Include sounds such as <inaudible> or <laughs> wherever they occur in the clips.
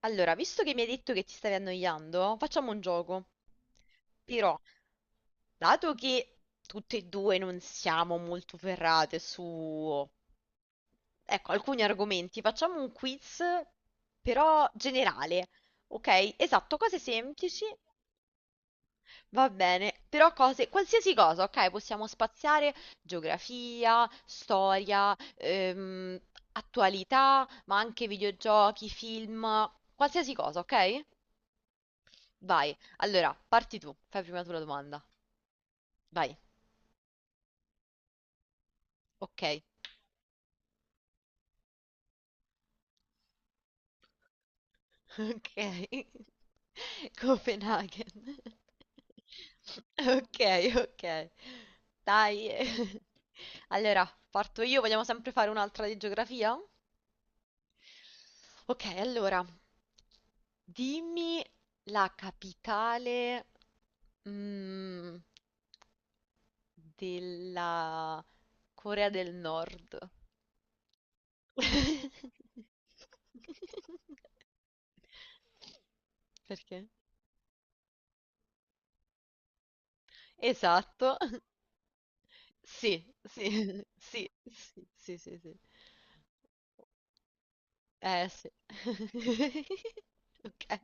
Allora, visto che mi hai detto che ti stavi annoiando, facciamo un gioco. Però, dato che tutte e due non siamo molto ferrate su, ecco, alcuni argomenti, facciamo un quiz però generale. Ok? Esatto, cose semplici. Va bene, però cose, qualsiasi cosa, ok? Possiamo spaziare geografia, storia, attualità, ma anche videogiochi, film, qualsiasi cosa, ok? Vai, allora, parti tu, fai prima tu la domanda. Vai, ok. <laughs> Ok. <laughs> Copenaghen. <laughs> Ok, ok. Dai. <laughs> Allora, parto io, vogliamo sempre fare un'altra di geografia? Ok, allora, dimmi la capitale, mm, della Corea del Nord. <laughs> Perché? Esatto, <laughs> sì, sì, <laughs> sì, sì, sì, sì, sì. Eh sì. <laughs> Ok,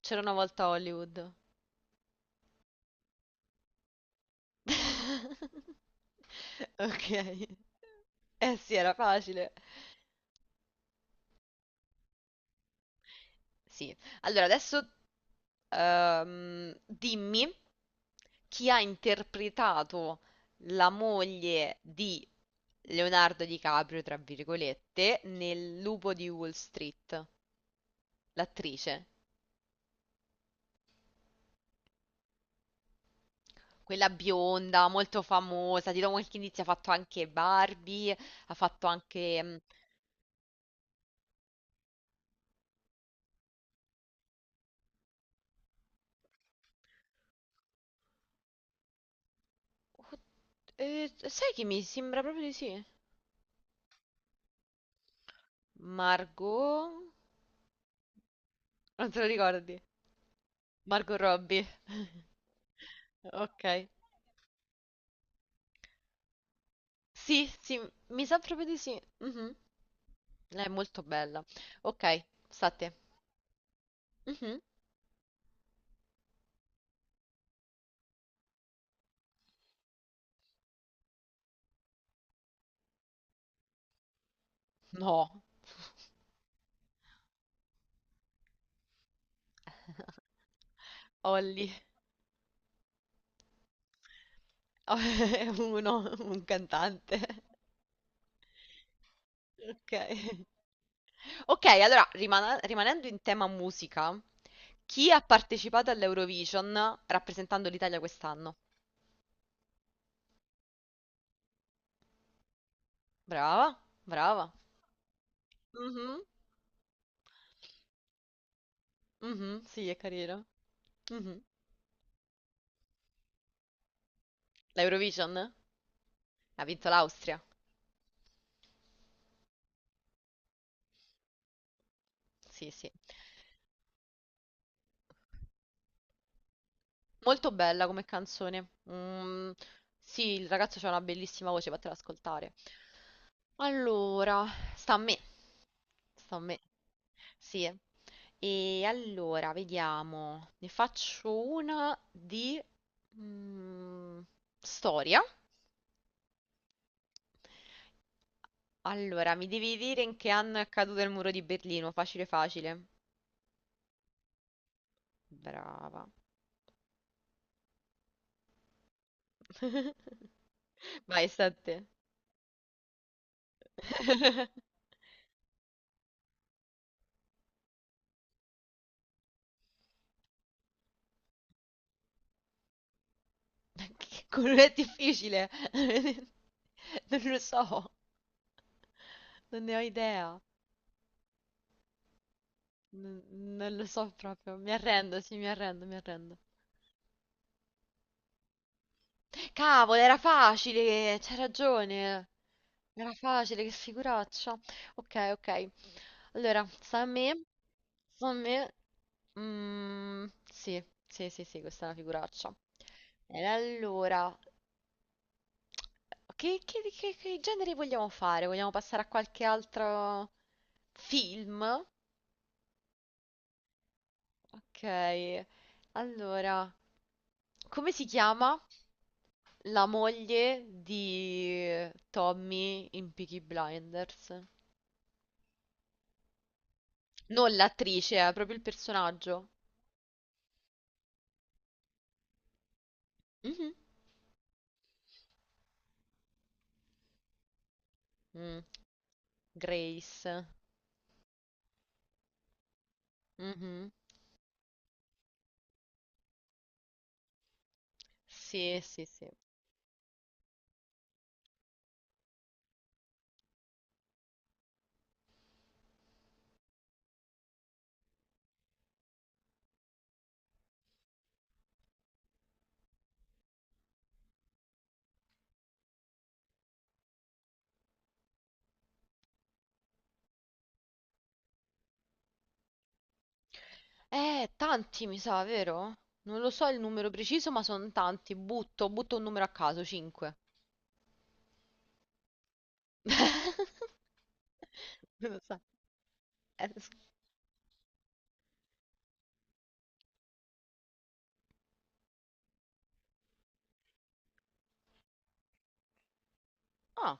c'era una volta a Hollywood. <laughs> Ok. Eh sì, era facile. Sì. Allora, adesso dimmi chi ha interpretato la moglie di Leonardo DiCaprio, tra virgolette, nel Lupo di Wall Street, l'attrice, quella bionda, molto famosa, di do qualche indizio, ha fatto anche Barbie, ha fatto anche... oh, sai che mi sembra proprio di sì? Margot? Non te lo ricordi? Margot Robbie. <laughs> Ok. Sì, sì, mi sa proprio di sì. Mhm. Lei è molto bella. Ok, sta a te. Mhm. No. <laughs> Olli. <laughs> Oh, è uno, un cantante. Ok. Ok, allora rimanendo in tema musica, chi ha partecipato all'Eurovision rappresentando l'Italia quest'anno? Brava, brava. Mhm, mhm, sì, è carino. Mhm. L'Eurovision ha vinto l'Austria. Sì, sì. Molto bella come canzone. Sì, il ragazzo ha una bellissima voce, fatela ascoltare. Allora, sta a me, sta a me. Sì. E allora, vediamo, ne faccio una di mm, storia. Allora, mi devi dire in che anno è caduto il muro di Berlino. Facile, facile. Brava. <laughs> Vai, sta a te. <laughs> Che quello è difficile. <laughs> Non lo so, non ne ho idea. Non, non lo so proprio. Mi arrendo, sì, mi arrendo, mi arrendo. Cavolo, era facile, c'hai ragione. Era facile, che figuraccia. Ok, ok. Allora, sta a me. Sta a me. Mm, sì, sì, sì, sì, questa è una figuraccia. E allora, che genere vogliamo fare? Vogliamo passare a qualche altro film? Ok. Allora, come si chiama? La moglie di Tommy in Peaky Blinders. Non l'attrice, è proprio il personaggio. Mhm. Mm, Grace. Mhm. Sì, sì, sì. Tanti mi sa, vero? Non lo so il numero preciso, ma sono tanti. Butto un numero a caso, 5. <laughs> Lo so. S- Ah.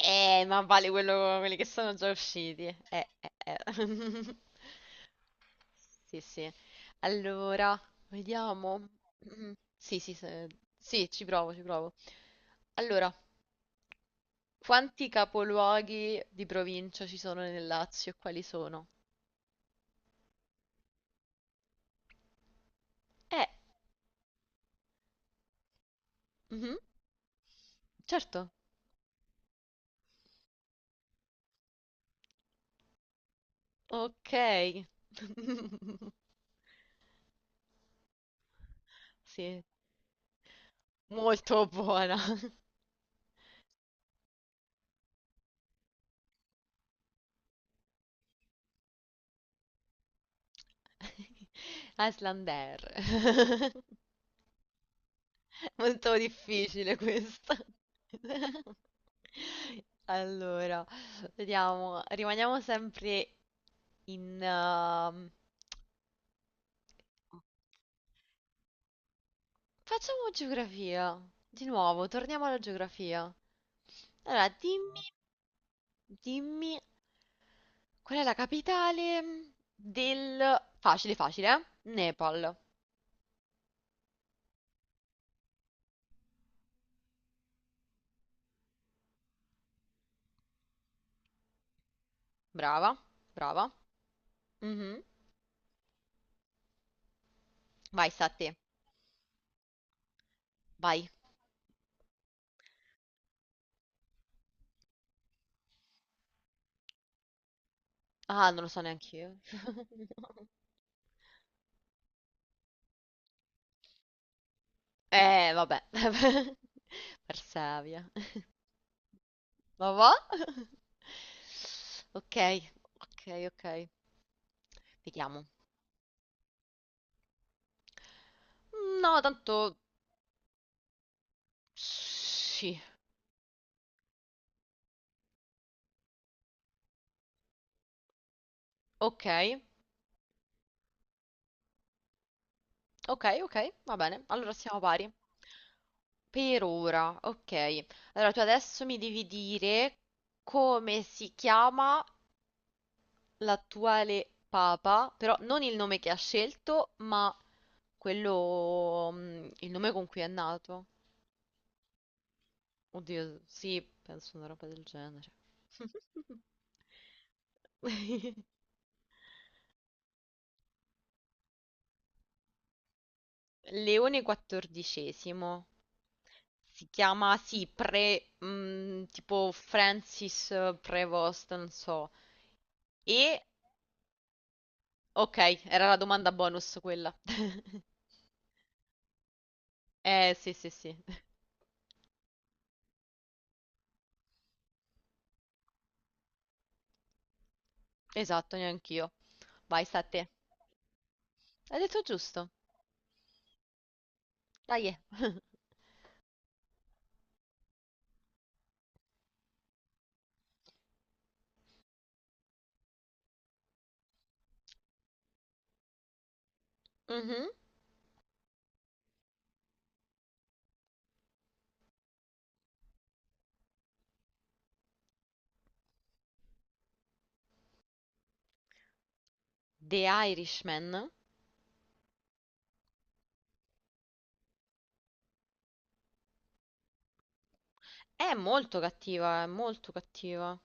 Ma vale quello, quelli che sono già usciti. Eh. <laughs> Sì, sì. Allora, vediamo. Mm, sì, sì, sì, ci provo, ci provo. Allora, quanti capoluoghi di provincia ci sono nel Lazio e quali sono? Eh, mhm, certo. Ok. <laughs> Sì, molto buona. <laughs> Aslander. <laughs> Molto difficile questa. <laughs> Allora, vediamo, rimaniamo sempre in... facciamo geografia. Di nuovo, torniamo alla geografia. Allora, dimmi, qual è la capitale del... Facile, facile, eh? Nepal. Brava, brava. Mhm. Vai, sta a te. Vai. Ah, non lo so neanche io. <laughs> Vabbè. <laughs> Persevia. Ma va? <laughs> Ok, ok, ok. Vediamo. No, tanto... Sì. Ok, ok, ok, va bene. Allora siamo pari. Per ora, ok. Allora tu adesso mi devi dire come si chiama l'attuale papa, però non il nome che ha scelto, ma quello, il nome con cui è nato. Oddio, sì, penso una roba del genere. <laughs> Leone quattordicesimo. Si chiama, sì, pre, tipo Francis Prevost, non so. E, ok, era la domanda bonus quella. <laughs> Sì, sì, sì. Esatto, neanch'io. Vai, sta a te. Hai detto giusto. Dai. <laughs> Mhm. The Irishman. È molto cattiva, è molto cattiva.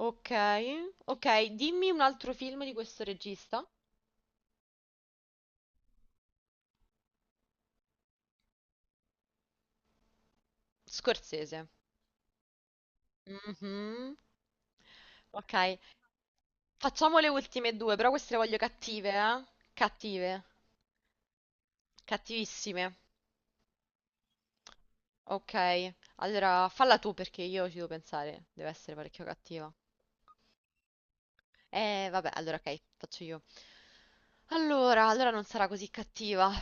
Okay, okay, dimmi un altro film di questo regista. Scorsese. Mhm. Ok, facciamo le ultime due, però queste le voglio cattive, eh? Cattive, cattivissime. Ok, allora falla tu perché io ci devo pensare, deve essere parecchio cattiva. Vabbè, allora ok, faccio io. Allora, allora non sarà così cattiva.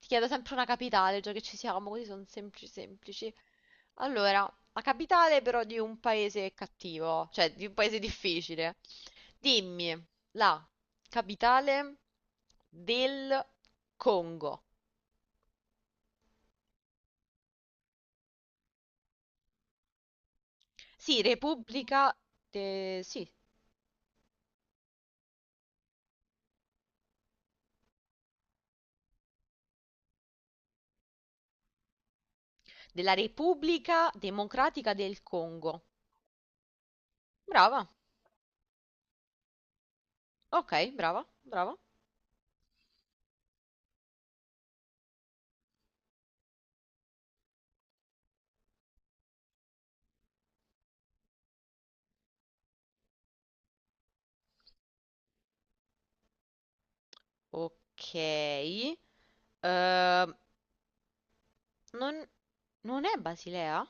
Ti chiedo sempre una capitale, già che ci siamo, così sono semplici semplici. Allora, la capitale però di un paese cattivo, cioè di un paese difficile. Dimmi la capitale del Congo. Sì, Repubblica sì, della Repubblica Democratica del Congo. Brava. Ok, brava, brava. Ok. Non, non è Basilea?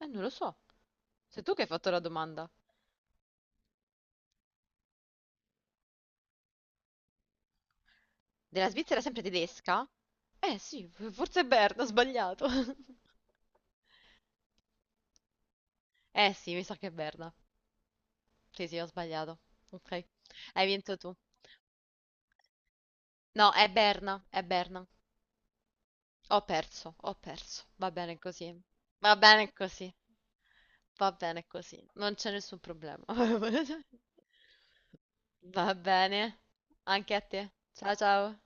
Non lo so. Sei tu che hai fatto la domanda. Della Svizzera sempre tedesca? Eh sì, forse è Berna, ho sbagliato. <laughs> Eh sì, mi sa che è Berna. Sì, sì, ho sbagliato. Ok. Hai vinto tu. No, è Berna, è Berna. Ho perso, ho perso. Va bene così. Va bene così. Va bene così, non c'è nessun problema. <laughs> Va bene, anche a te. Ciao ciao.